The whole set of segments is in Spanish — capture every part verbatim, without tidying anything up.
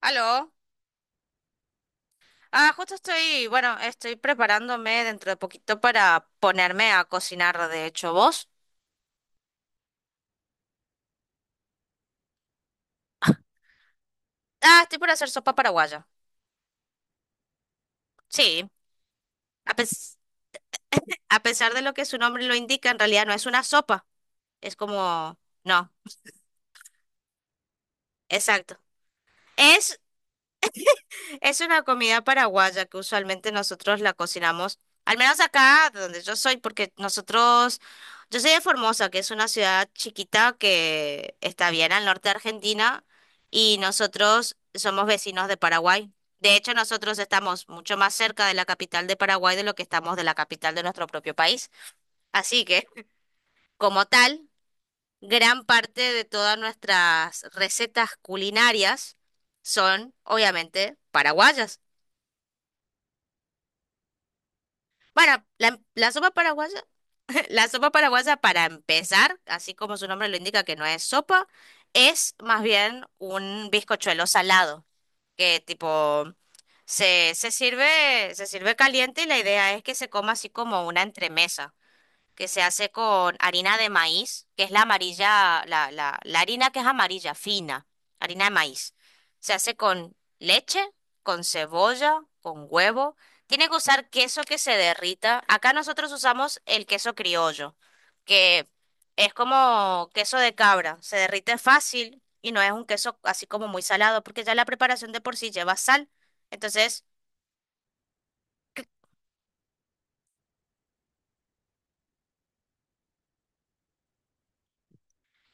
Aló. Ah, justo estoy, bueno, estoy preparándome dentro de poquito para ponerme a cocinar, de hecho, ¿vos? Ah, estoy por hacer sopa paraguaya. Sí, a pes- a pesar de lo que su nombre lo indica, en realidad no es una sopa, es como, no, exacto. Es Es una comida paraguaya que usualmente nosotros la cocinamos, al menos acá donde yo soy, porque nosotros, yo soy de Formosa, que es una ciudad chiquita que está bien al norte de Argentina, y nosotros somos vecinos de Paraguay. De hecho, nosotros estamos mucho más cerca de la capital de Paraguay de lo que estamos de la capital de nuestro propio país. Así que, como tal, gran parte de todas nuestras recetas culinarias son, obviamente, paraguayas. Para la, la sopa paraguaya, la sopa paraguaya para empezar, así como su nombre lo indica que no es sopa, es más bien un bizcochuelo salado, que tipo se, se sirve, se sirve caliente y la idea es que se coma así como una entremesa que se hace con harina de maíz, que es la amarilla, la, la, la harina que es amarilla, fina, harina de maíz. Se hace con leche, con cebolla, con huevo. Tiene que usar queso que se derrita. Acá nosotros usamos el queso criollo, que es como queso de cabra, se derrite fácil y no es un queso así como muy salado, porque ya la preparación de por sí lleva sal. Entonces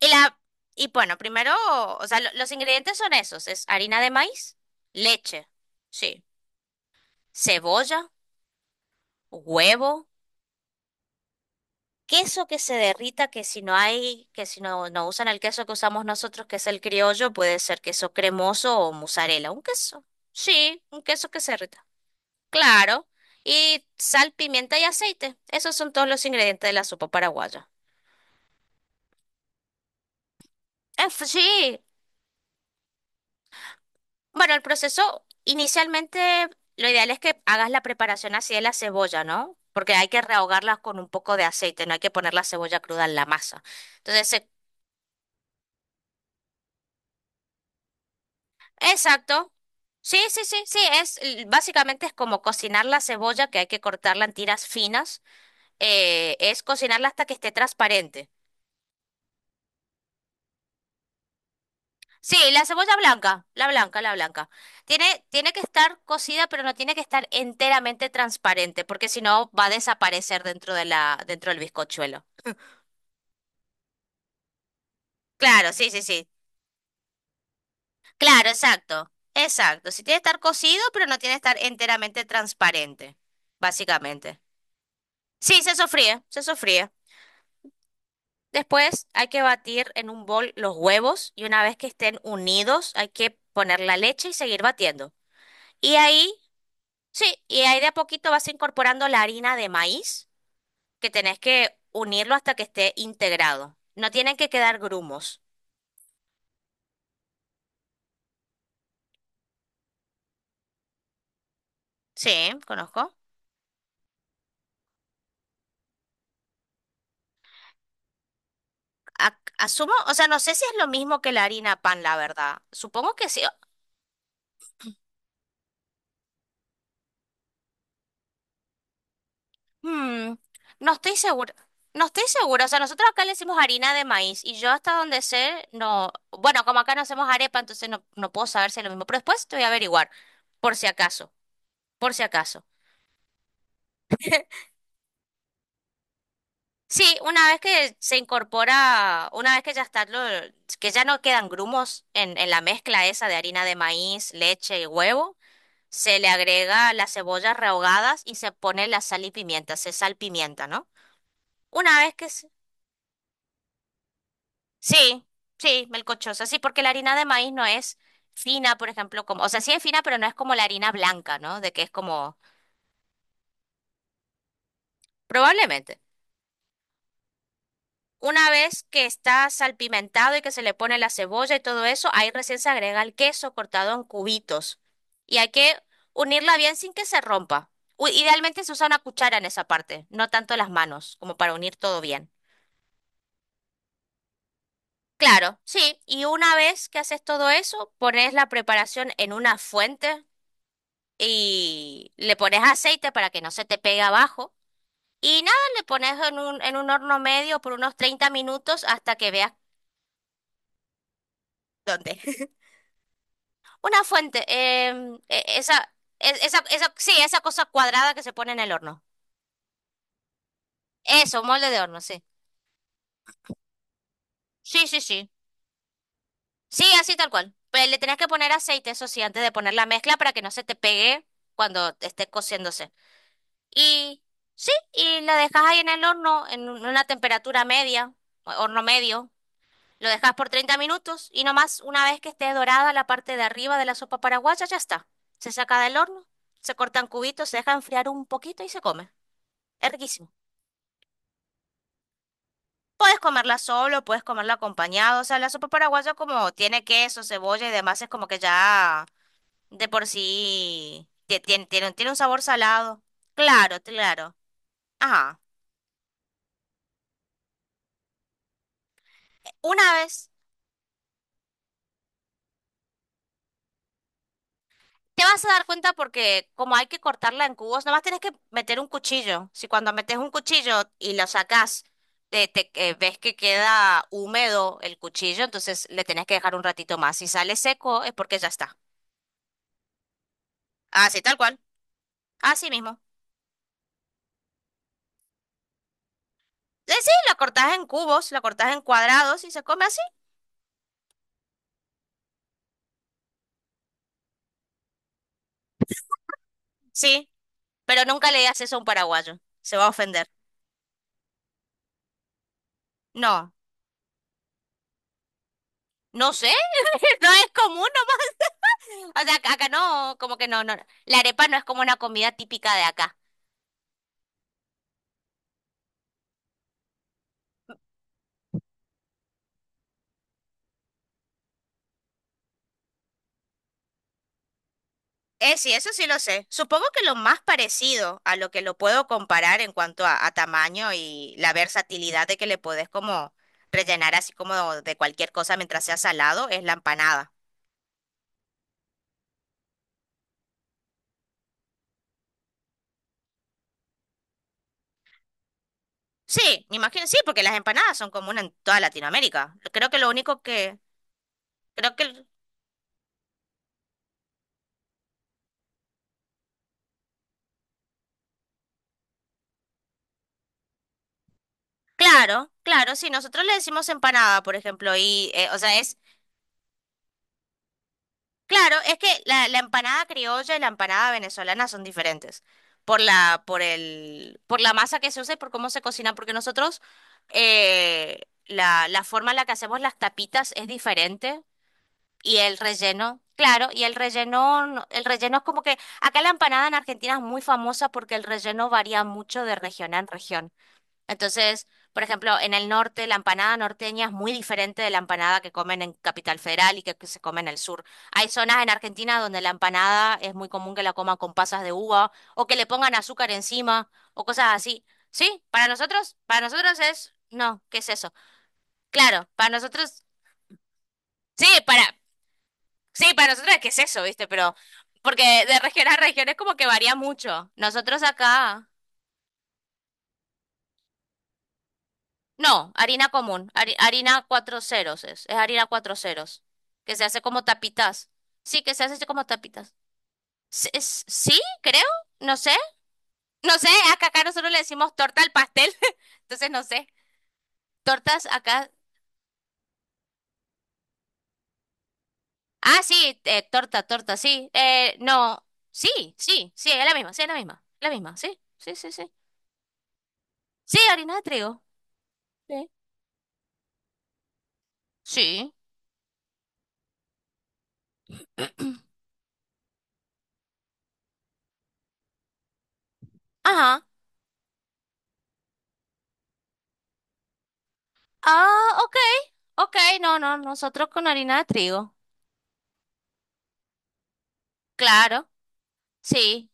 Y la, y bueno, primero, o sea, lo- los ingredientes son esos, es harina de maíz, leche, sí, cebolla, huevo, queso que se derrita, que si no hay, que si no, no usan el queso que usamos nosotros, que es el criollo, puede ser queso cremoso o mozzarella, un queso, sí, un queso que se derrita, claro, y sal, pimienta y aceite, esos son todos los ingredientes de la sopa paraguaya. Eh, f- sí, bueno, el proceso inicialmente lo ideal es que hagas la preparación así de la cebolla, ¿no? Porque hay que rehogarlas con un poco de aceite, no hay que poner la cebolla cruda en la masa. Entonces, se- exacto. Sí, sí, sí, sí, es básicamente es como cocinar la cebolla, que hay que cortarla en tiras finas, eh, es cocinarla hasta que esté transparente. Sí, la cebolla blanca, la blanca, la blanca. Tiene, tiene que estar cocida, pero no tiene que estar enteramente transparente, porque si no va a desaparecer dentro de la, dentro del bizcochuelo. Claro, sí, sí, sí. Claro, exacto. Exacto. Sí tiene que estar cocido, pero no tiene que estar enteramente transparente, básicamente. Sí, se sofríe, se sofríe. Después hay que batir en un bol los huevos y una vez que estén unidos hay que poner la leche y seguir batiendo. Y ahí, sí, y ahí de a poquito vas incorporando la harina de maíz que tenés que unirlo hasta que esté integrado. No tienen que quedar grumos. Sí, conozco. a- asumo, o sea, no sé si es lo mismo que la harina pan, la verdad. Supongo que sí. Hmm, no estoy segura. No estoy segura. O sea, nosotros acá le decimos harina de maíz y yo hasta donde sé, no. Bueno, como acá no hacemos arepa, entonces no, no puedo saber si es lo mismo. Pero después te voy a averiguar, por si acaso, por si acaso. Sí, una vez que se incorpora, una vez que ya está, lo- que ya no quedan grumos en, en la mezcla esa de harina de maíz, leche y huevo. Se le agrega las cebollas rehogadas y se pone la sal y pimienta, se salpimienta, ¿no? Una vez que... se- Sí, sí, melcochosa, sí, porque la harina de maíz no es fina, por ejemplo, como... O sea, sí es fina, pero no es como la harina blanca, ¿no? De que es como... Probablemente. Una vez que está salpimentado y que se le pone la cebolla y todo eso, ahí recién se agrega el queso cortado en cubitos. Y hay que unirla bien sin que se rompa. U- Idealmente se usa una cuchara en esa parte, no tanto las manos, como para unir todo bien. Claro, sí, y una vez que haces todo eso, pones la preparación en una fuente y le pones aceite para que no se te pegue abajo. Y nada, le pones en un, en un horno medio por unos treinta minutos hasta que veas dónde. Una fuente, em, e- esa, e- esa, esa, sí, esa cosa cuadrada que se pone en el horno. Eso, molde de horno, sí. Sí, sí, sí. Sí, así tal cual. Pero le tenés que poner aceite, eso sí, antes de poner la mezcla para que no se te pegue cuando esté cociéndose. Y sí, y lo dejas ahí en el horno, en un- una temperatura media, o- horno medio. Lo dejas por treinta minutos y nomás una vez que esté dorada la parte de arriba de la sopa paraguaya, ya está. Se saca del horno, se cortan cubitos, se deja enfriar un poquito y se come. Es riquísimo. Puedes comerla solo, puedes comerla acompañado. O sea, la sopa paraguaya como tiene queso, cebolla y demás, es como que ya de por sí tie- tiene, tiene, un tiene un sabor salado. Claro, claro. Ajá. Una vez Te vas a dar cuenta porque como hay que cortarla en cubos, nomás tienes que meter un cuchillo. Si cuando metes un cuchillo y lo sacas, te, te- eh, ves que queda húmedo el cuchillo, entonces le tenés que dejar un ratito más. Si sale seco es porque ya está. Así, tal cual. Así mismo. Eh, sí, la cortás en cubos, la cortás en cuadrados y se come así. Sí, pero nunca le digas eso a un paraguayo. Se va a ofender. No, no sé. No es común nomás. O sea, acá acá no, como que no, no. No. La arepa no es como una comida típica de acá. Eh, sí, eso sí lo sé. Supongo que lo más parecido a lo que lo puedo comparar en cuanto a, a tamaño y la versatilidad de que le podés como rellenar así como de cualquier cosa mientras sea salado es la empanada. Sí, me imagino, sí, porque las empanadas son comunes en toda Latinoamérica. Creo que lo único que, creo que, el- claro, claro, sí, nosotros le decimos empanada, por ejemplo, y, eh, o sea, es claro, es que la, la empanada criolla y la empanada venezolana son diferentes por la, por el, por la masa que se usa y por cómo se cocina, porque nosotros eh, la, la forma en la que hacemos las tapitas es diferente y el relleno, claro, y el relleno, no- el relleno es como que acá la empanada en Argentina es muy famosa porque el relleno varía mucho de región en región. Entonces, por ejemplo, en el norte la empanada norteña es muy diferente de la empanada que comen en Capital Federal y que, que se come en el sur. Hay zonas en Argentina donde la empanada es muy común que la coman con pasas de uva o que le pongan azúcar encima o cosas así. Sí, para nosotros, para nosotros es, no, ¿qué es eso? Claro, para nosotros, sí, para, sí, para nosotros es qué es eso, ¿viste? Pero porque de región a región es como que varía mucho. Nosotros acá no, harina común, hari- harina cuatro ceros es, es harina cuatro ceros, que se hace como tapitas. Sí, que se hace así como tapitas. S- es- Sí, creo, no sé, no sé, acá, acá nosotros le decimos torta al pastel, entonces no sé, tortas acá. Ah, sí, eh, torta, torta, sí, eh, no, sí, sí, sí, es la misma, sí, es la misma, la misma, sí, sí, sí, sí. Sí, harina de trigo. Sí. Sí, ajá. Ah, ok, ok, no, no, nosotros con harina de trigo, claro, sí.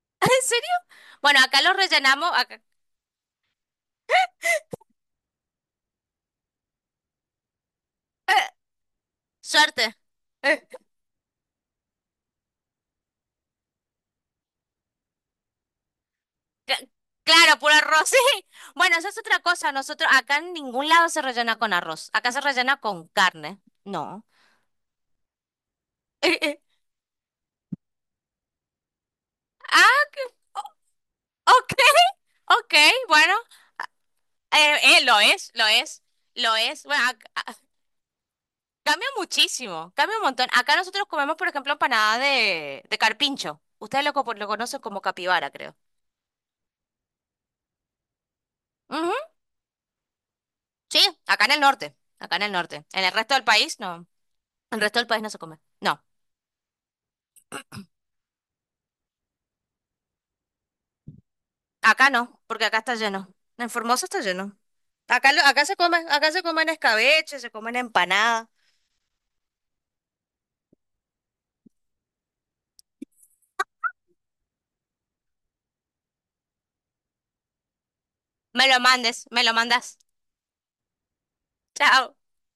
¿En serio? Bueno, acá lo rellenamos. Acá. Suerte. Eh, Cla- Claro, puro arroz, sí. Bueno, esa es otra cosa. Nosotros acá en ningún lado se rellena con arroz. Acá se rellena con carne. No. eh, eh. Ah, o- ok, ok, bueno. Eh, eh, lo es, lo es, lo es. Bueno, ac- a- cambia muchísimo, cambia un montón. Acá nosotros comemos, por ejemplo, empanada de, de carpincho. Ustedes lo, co- lo conocen como capibara, creo. Sí, acá en el norte, acá en el norte. En el resto del país no. En el resto del país no se come. No, acá no, porque acá está lleno. En Formosa está lleno. Acá, lo- acá se come, acá se comen escabeche, se comen empanada. Me lo mandes, me lo mandas. Chao.